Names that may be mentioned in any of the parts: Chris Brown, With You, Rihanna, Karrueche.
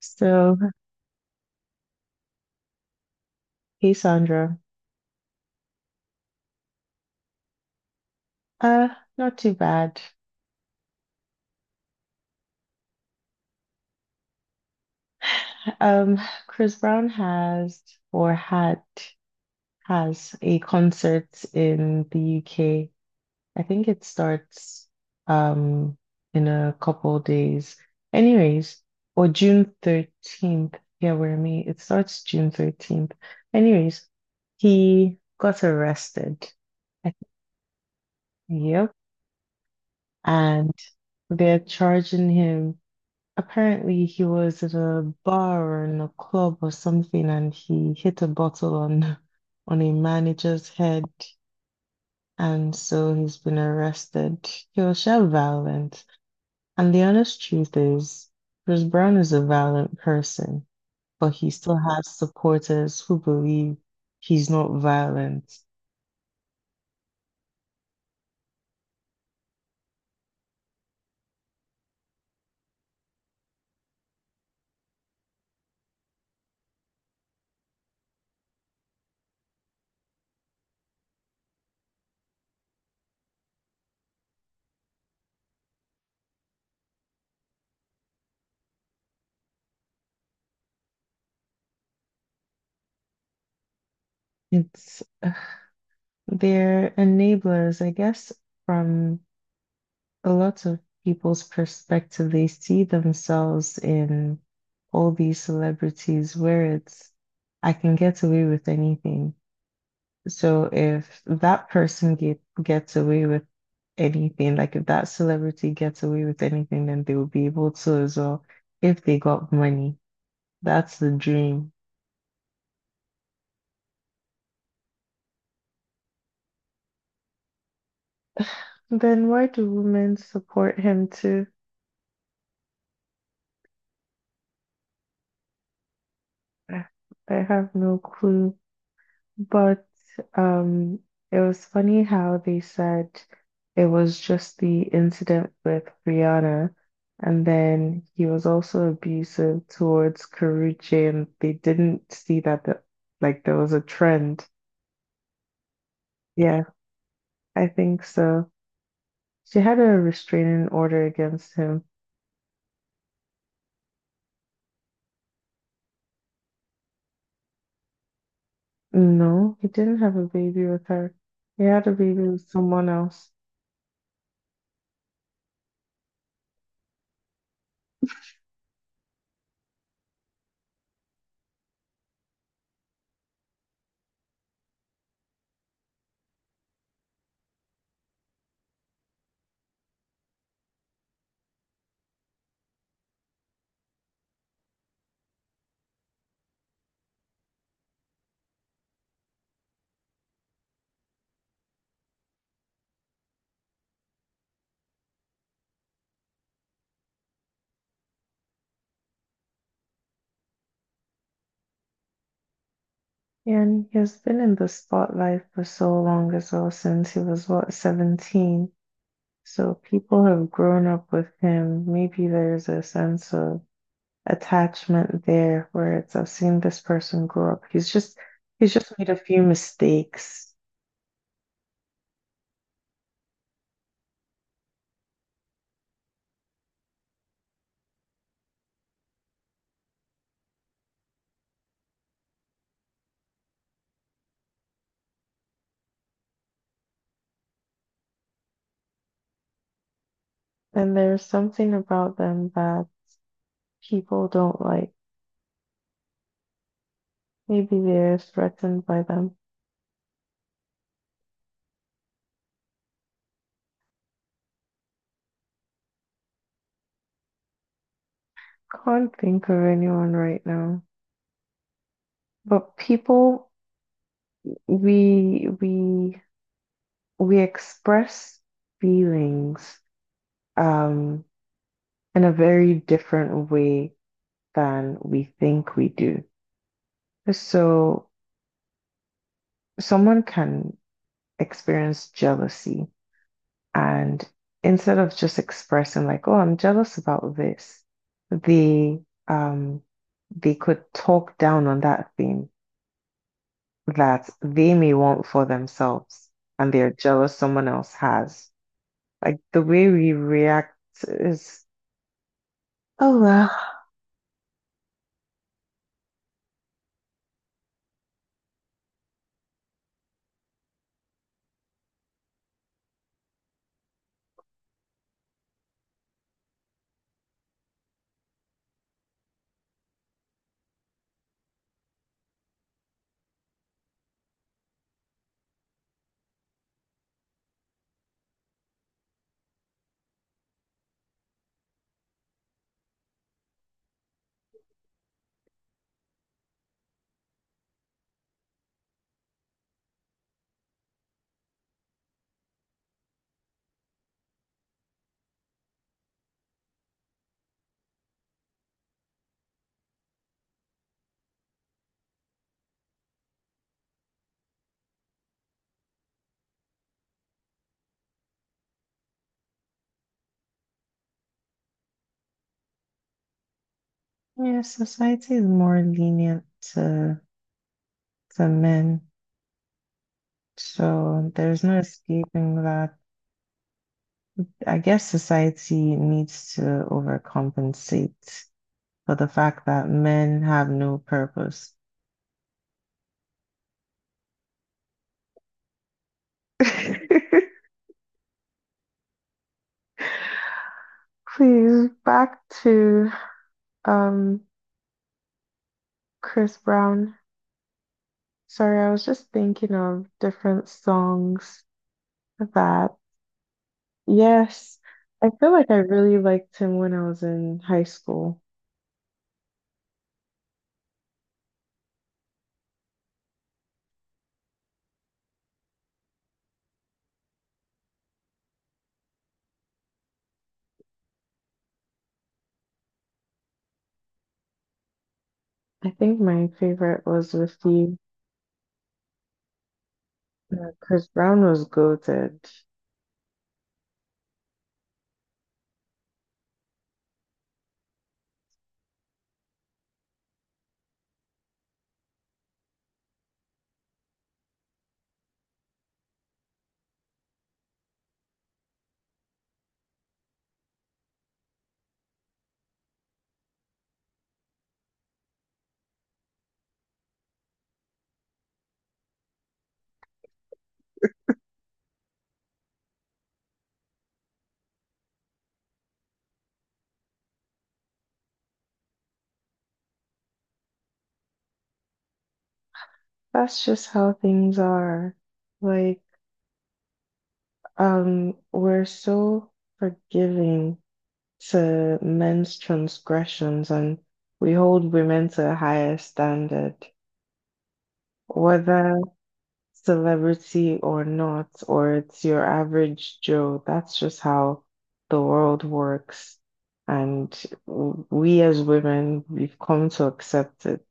So, hey Sandra. Uh, not too bad. Um, Chris Brown has or had has a concert in the UK. I think it starts um in a couple days. Anyways, or June 13th. Yeah, we're in May. It starts June 13th. Anyways, he got arrested. I think, yep. And they're charging him. Apparently, he was at a bar or in a club or something, and he hit a bottle on on a manager's head, and so he's been arrested. He was so violent, and the honest truth is, Chris Brown is a violent person, but he still has supporters who believe he's not violent. It's they're enablers, I guess, from. A lot of people's perspective. They see themselves in all these celebrities where it's, I can get away with anything. So if gets away with anything, like if that celebrity gets away with anything, then they will be able to as well if they got money. That's the dream. Then why do women support him too? I I have no clue. But um, it was funny how they said it was just the incident with Rihanna, and then he was also abusive towards Karrueche, and they didn't see like there was a trend. Yeah, I think so. She had a restraining order against him. No, he didn't have a baby with her. He had a baby with someone else. And he has been in the spotlight for so long as well, since he was, what, 17? So people have grown up with him. Maybe there's a sense of attachment there where it's I've seen this person grow up. He's just made a few mistakes. And there's something about them that people don't like. Maybe they're threatened by them. Can't think of anyone right now. But people we we we express feelings um in a very different way than we think we do. So someone can experience jealousy, and instead of just expressing like, oh, I'm jealous about this, they um they could talk down on that thing that they may want for themselves and they're jealous someone else has. Like the way we react is, oh well, yeah, society is more lenient to to men. So there's no escaping that. I guess society needs to overcompensate for the fact that men have no purpose. Please, back to um Chris Brown. Sorry, I was just thinking of different songs that, yes, I feel like I really liked him when I was in high school. I think my favorite was With You. Chris Brown was goated. That's just how things are. Like, we're so forgiving to men's transgressions, and we hold women to a higher standard, whether celebrity or not, or it's your average Joe. That's just how the world works. And we as women, we've come to accept it.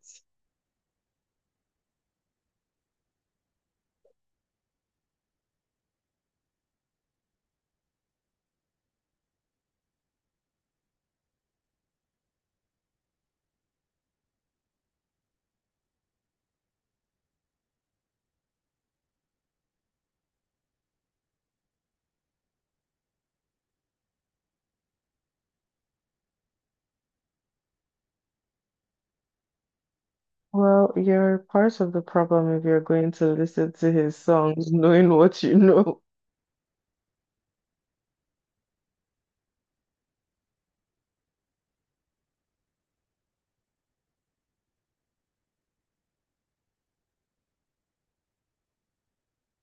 Well, you're part of the problem if you're going to listen to his songs knowing what you know.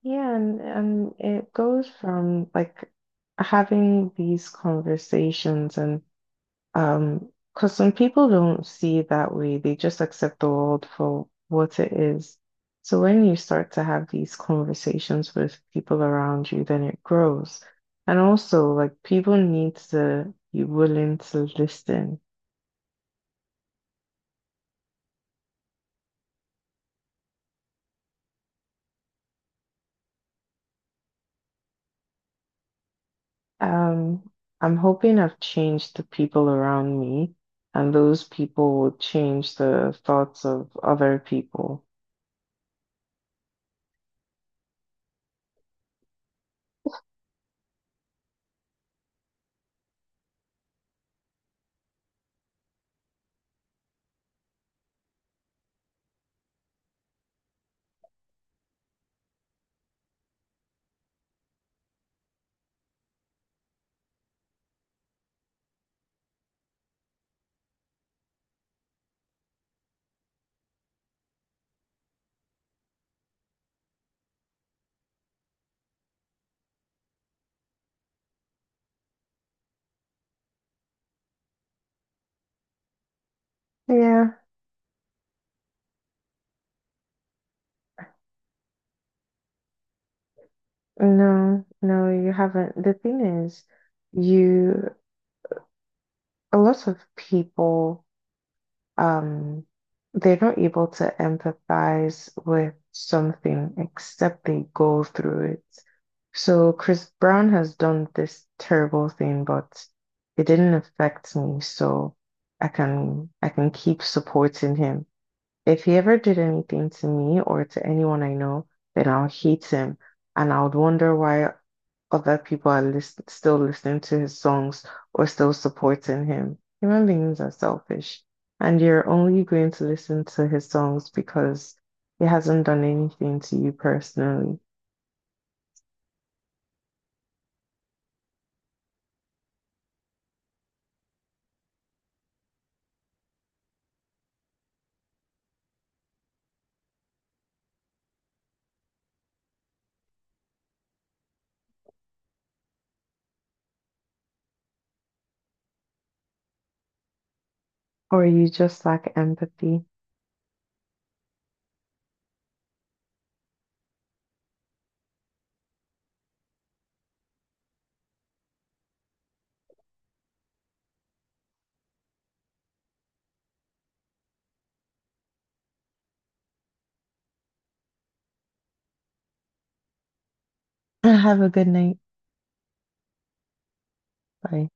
Yeah, and it goes from like having these conversations and, because some people don't see it that way, they just accept the world for what it is. So when you start to have these conversations with people around you, then it grows. And also, like people need to be willing to listen. Um, I'm hoping I've changed the people around me, and those people will change the thoughts of other people. Yeah, no, no, you haven't. The thing is, you, a lot of people, um, they're not able to empathize with something except they go through it. So Chris Brown has done this terrible thing, but it didn't affect me, so I can keep supporting him. If he ever did anything to me or to anyone I know, then I'll hate him, and I'll wonder why other people are lis still listening to his songs or still supporting him. Human beings are selfish, and you're only going to listen to his songs because he hasn't done anything to you personally, or you just lack empathy. Have a good night. Bye.